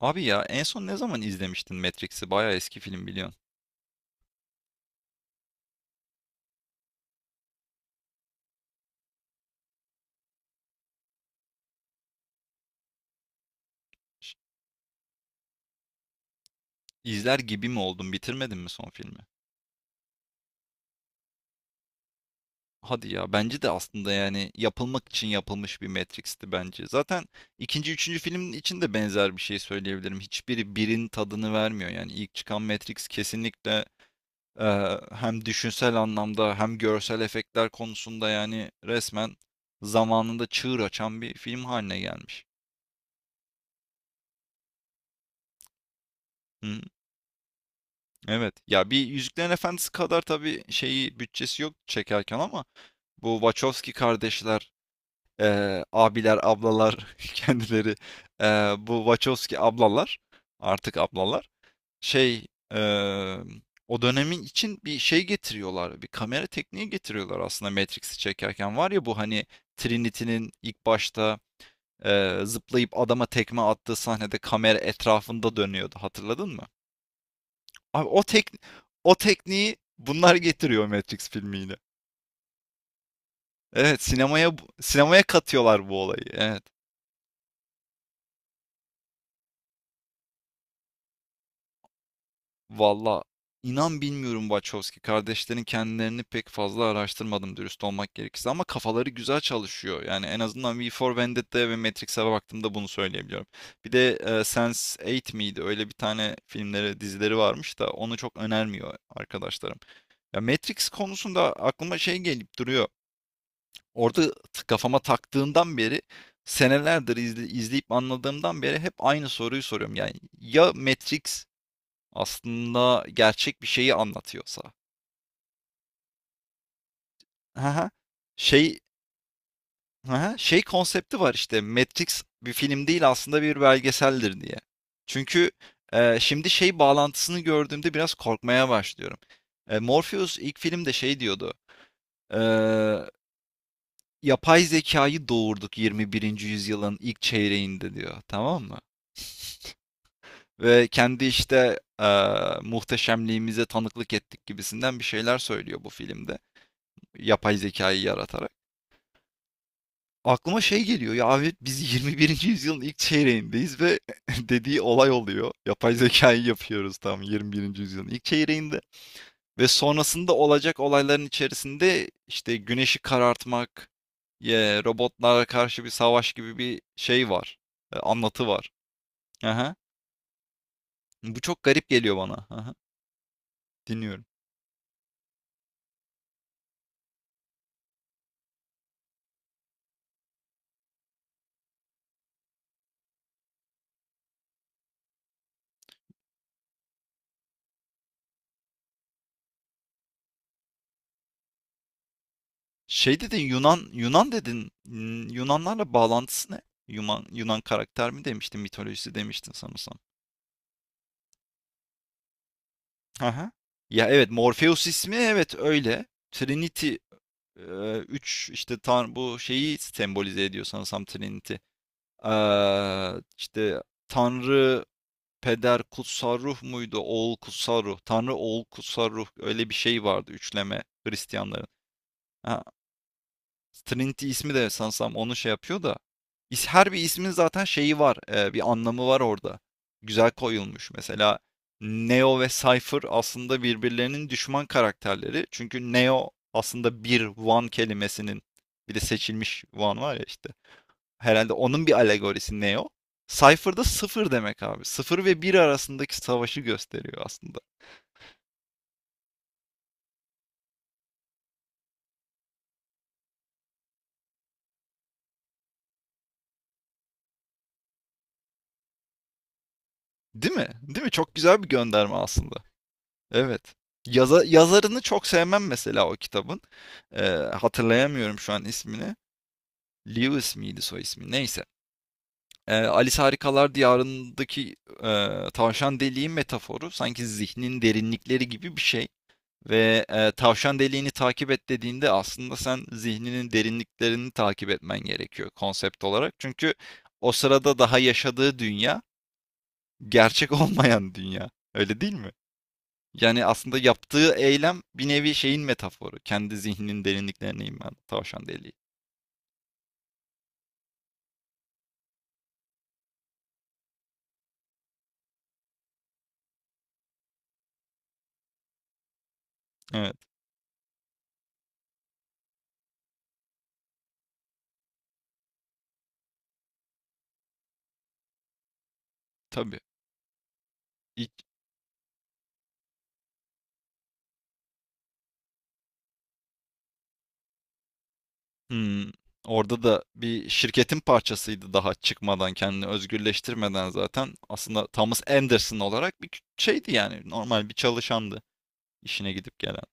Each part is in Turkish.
Abi ya en son ne zaman izlemiştin Matrix'i? Bayağı eski film biliyorsun. İzler gibi mi oldun? Bitirmedin mi son filmi? Hadi ya bence de aslında yani yapılmak için yapılmış bir Matrix'ti bence. Zaten ikinci, üçüncü filmin için de benzer bir şey söyleyebilirim. Hiçbiri birin tadını vermiyor. Yani ilk çıkan Matrix kesinlikle e, hem düşünsel anlamda hem görsel efektler konusunda yani resmen zamanında çığır açan bir film haline gelmiş. Evet. Ya bir Yüzüklerin Efendisi kadar tabii şeyi bütçesi yok çekerken ama bu Wachowski kardeşler, abiler, ablalar kendileri bu Wachowski ablalar artık ablalar şey eee, o dönemin için bir şey getiriyorlar. Bir kamera tekniği getiriyorlar aslında Matrix'i çekerken. Var ya bu hani Trinity'nin ilk başta zıplayıp adama tekme attığı sahnede kamera etrafında dönüyordu. Hatırladın mı? Abi o tekniği bunlar getiriyor Matrix filmi yine. Evet sinemaya sinemaya katıyorlar bu olayı. Evet. Valla inan bilmiyorum Wachowski kardeşlerin kendilerini pek fazla araştırmadım dürüst olmak gerekirse ama kafaları güzel çalışıyor. Yani en azından V for Vendetta'ya ve Matrix'e baktığımda bunu söyleyebiliyorum. Bir de sense Eight miydi? Öyle bir tane filmleri, dizileri varmış da onu çok önermiyor arkadaşlarım. Ya Matrix konusunda aklıma şey gelip duruyor. Orada kafama taktığından beri senelerdir izleyip anladığımdan beri hep aynı soruyu soruyorum. Yani ya Matrix aslında gerçek bir şeyi anlatıyorsa. Hı. Şey. Hı. Şey konsepti var işte Matrix bir film değil aslında bir belgeseldir diye. Çünkü şimdi şey bağlantısını gördüğümde biraz korkmaya başlıyorum. Morpheus ilk filmde şey diyordu, eee, "Yapay zekayı doğurduk 21. yüzyılın ilk çeyreğinde." diyor, tamam mı? Ve kendi işte muhteşemliğimize tanıklık ettik gibisinden bir şeyler söylüyor bu filmde. Yapay zekayı yaratarak. Aklıma şey geliyor ya abi biz 21. yüzyılın ilk çeyreğindeyiz ve dediği olay oluyor. Yapay zekayı yapıyoruz tam 21. yüzyılın ilk çeyreğinde. Ve sonrasında olacak olayların içerisinde işte güneşi karartmak, robotlara karşı bir savaş gibi bir şey var. Anlatı var. Aha. Bu çok garip geliyor bana. Aha. Dinliyorum. Şey dedin Yunan dedin. Hmm, Yunanlarla bağlantısı ne? Yunan karakter mi demiştin, mitolojisi demiştin sanırsam. Aha. Ya evet Morpheus ismi evet öyle. Trinity 3 işte tan bu şeyi sembolize ediyor sanırsam Trinity. İşte Tanrı Peder Kutsal Ruh muydu? Oğul Kutsal Ruh. Tanrı Oğul Kutsal Ruh öyle bir şey vardı üçleme Hristiyanların. Ha, Trinity ismi de sanırsam onu şey yapıyor da. Her bir ismin zaten şeyi var. Bir anlamı var orada. Güzel koyulmuş. Mesela Neo ve Cypher aslında birbirlerinin düşman karakterleri. Çünkü Neo aslında bir One kelimesinin bir de seçilmiş One var ya işte. Herhalde onun bir alegorisi Neo. Cypher da sıfır demek abi. Sıfır ve bir arasındaki savaşı gösteriyor aslında. Değil mi? Değil mi? Çok güzel bir gönderme aslında. Evet. Yazarını çok sevmem mesela o kitabın. Eee, Hatırlayamıyorum şu an ismini. Lewis miydi soy ismi? Neyse. Alice Harikalar Diyarı'ndaki tavşan deliği metaforu sanki zihnin derinlikleri gibi bir şey. Ve tavşan deliğini takip et dediğinde aslında sen zihninin derinliklerini takip etmen gerekiyor konsept olarak. Çünkü o sırada daha yaşadığı dünya gerçek olmayan dünya. Öyle değil mi? Yani aslında yaptığı eylem bir nevi şeyin metaforu. Kendi zihninin derinliklerine inen tavşan deliği. Evet, tabii. İlk, hımm, orada da bir şirketin parçasıydı daha çıkmadan, kendini özgürleştirmeden zaten. Aslında Thomas Anderson olarak bir şeydi yani normal bir çalışandı işine gidip gelen.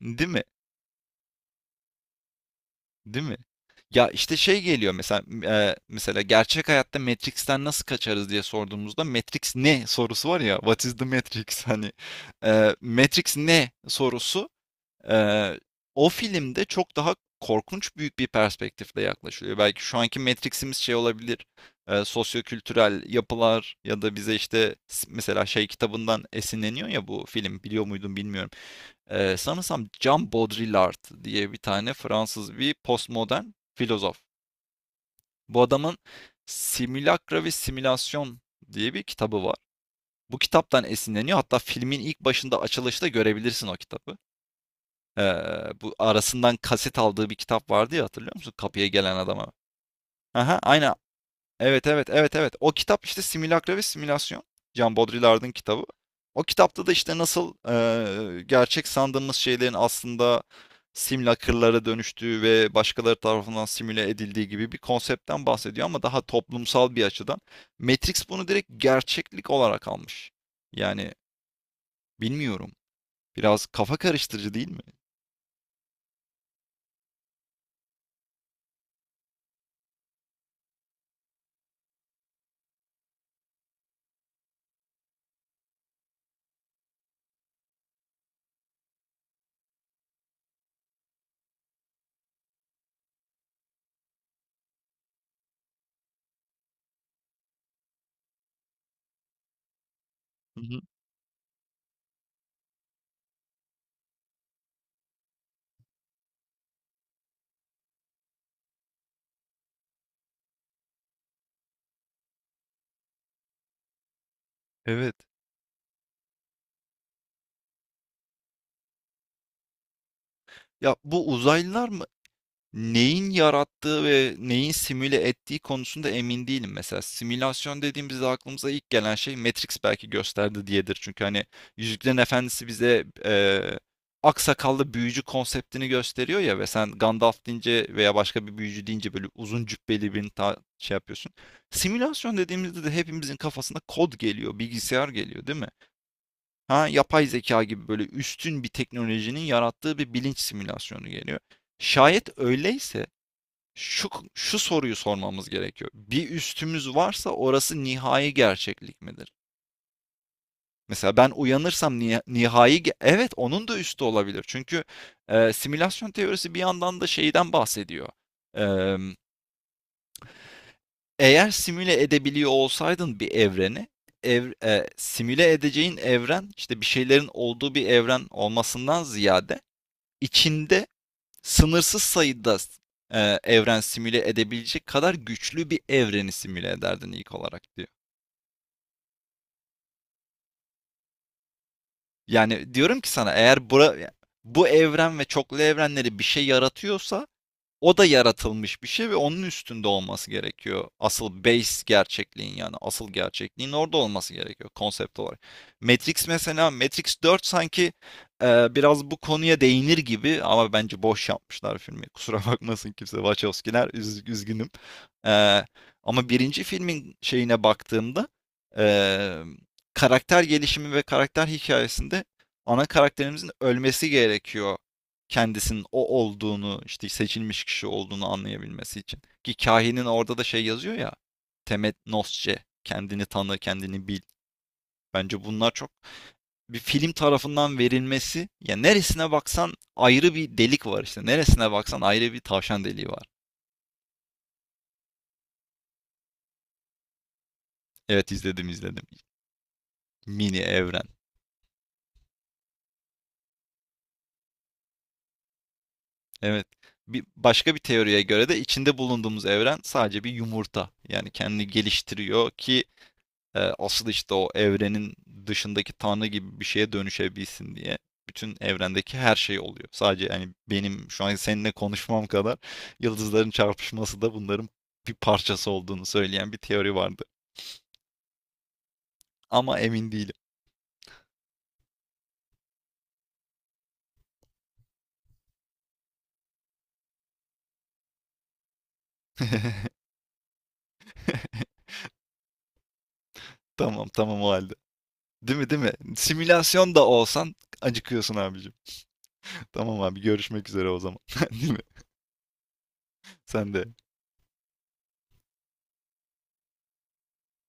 Değil mi? Değil mi? Ya işte şey geliyor mesela mesela gerçek hayatta Matrix'ten nasıl kaçarız diye sorduğumuzda Matrix ne sorusu var ya What is the Matrix hani Matrix ne sorusu e, o filmde çok daha korkunç büyük bir perspektifle yaklaşılıyor. Belki şu anki Matrix'imiz şey olabilir sosyokültürel yapılar ya da bize işte mesela şey kitabından esinleniyor ya bu film biliyor muydun bilmiyorum. Sanırsam Jean Baudrillard diye bir tane Fransız bir postmodern filozof. Bu adamın Simülakra ve Simülasyon diye bir kitabı var. Bu kitaptan esinleniyor. Hatta filmin ilk başında açılışta görebilirsin o kitabı. Ee, Bu arasından kaset aldığı bir kitap vardı ya hatırlıyor musun? Kapıya gelen adama. Aha, aynen. Evet evet evet evet. O kitap işte Simülakra ve Simülasyon. Jean Baudrillard'ın kitabı. O kitapta da işte nasıl gerçek sandığımız şeylerin aslında simülakırlara dönüştüğü ve başkaları tarafından simüle edildiği gibi bir konseptten bahsediyor ama daha toplumsal bir açıdan. Matrix bunu direkt gerçeklik olarak almış. Yani bilmiyorum. Biraz kafa karıştırıcı değil mi? Hı hı. Evet. Ya bu uzaylılar mı? Neyin yarattığı ve neyin simüle ettiği konusunda emin değilim. Mesela simülasyon dediğimizde aklımıza ilk gelen şey Matrix belki gösterdi diyedir. Çünkü hani Yüzüklerin Efendisi bize aksakallı büyücü konseptini gösteriyor ya ve sen Gandalf deyince veya başka bir büyücü deyince böyle uzun cübbeli birini şey yapıyorsun. Simülasyon dediğimizde de hepimizin kafasına kod geliyor, bilgisayar geliyor değil mi? Ha, yapay zeka gibi böyle üstün bir teknolojinin yarattığı bir bilinç simülasyonu geliyor. Şayet öyleyse şu, şu soruyu sormamız gerekiyor. Bir üstümüz varsa orası nihai gerçeklik midir? Mesela ben uyanırsam evet onun da üstü olabilir. Çünkü simülasyon teorisi bir yandan da şeyden bahsediyor. Eee, Eğer simüle edebiliyor olsaydın bir evreni simüle edeceğin evren işte bir şeylerin olduğu bir evren olmasından ziyade içinde sınırsız sayıda evren simüle edebilecek kadar güçlü bir evreni simüle ederdin ilk olarak diyor. Yani diyorum ki sana eğer bu evren ve çoklu evrenleri bir şey yaratıyorsa o da yaratılmış bir şey ve onun üstünde olması gerekiyor. Asıl base gerçekliğin yani asıl gerçekliğin orada olması gerekiyor konsept olarak. Matrix mesela Matrix 4 sanki biraz bu konuya değinir gibi ama bence boş yapmışlar filmi. Kusura bakmasın kimse Wachowskiler üzgünüm. E, Ama birinci filmin şeyine baktığımda e, karakter gelişimi ve karakter hikayesinde ana karakterimizin ölmesi gerekiyor kendisinin o olduğunu, işte seçilmiş kişi olduğunu anlayabilmesi için. Ki kahinin orada da şey yazıyor ya. Temet nosce, kendini tanı, kendini bil. Bence bunlar çok bir film tarafından verilmesi. Ya neresine baksan ayrı bir delik var işte. Neresine baksan ayrı bir tavşan deliği var. Evet izledim izledim. Mini evren. Evet. Bir, başka bir teoriye göre de içinde bulunduğumuz evren sadece bir yumurta. Yani kendini geliştiriyor ki asıl işte o evrenin dışındaki tanrı gibi bir şeye dönüşebilsin diye bütün evrendeki her şey oluyor. Sadece yani benim şu an seninle konuşmam kadar yıldızların çarpışması da bunların bir parçası olduğunu söyleyen bir teori vardı. Ama emin değilim. Tamam tamam o halde. Değil mi değil mi? Simülasyon da olsan acıkıyorsun abicim. Tamam abi görüşmek üzere o zaman. Değil mi? Sen de.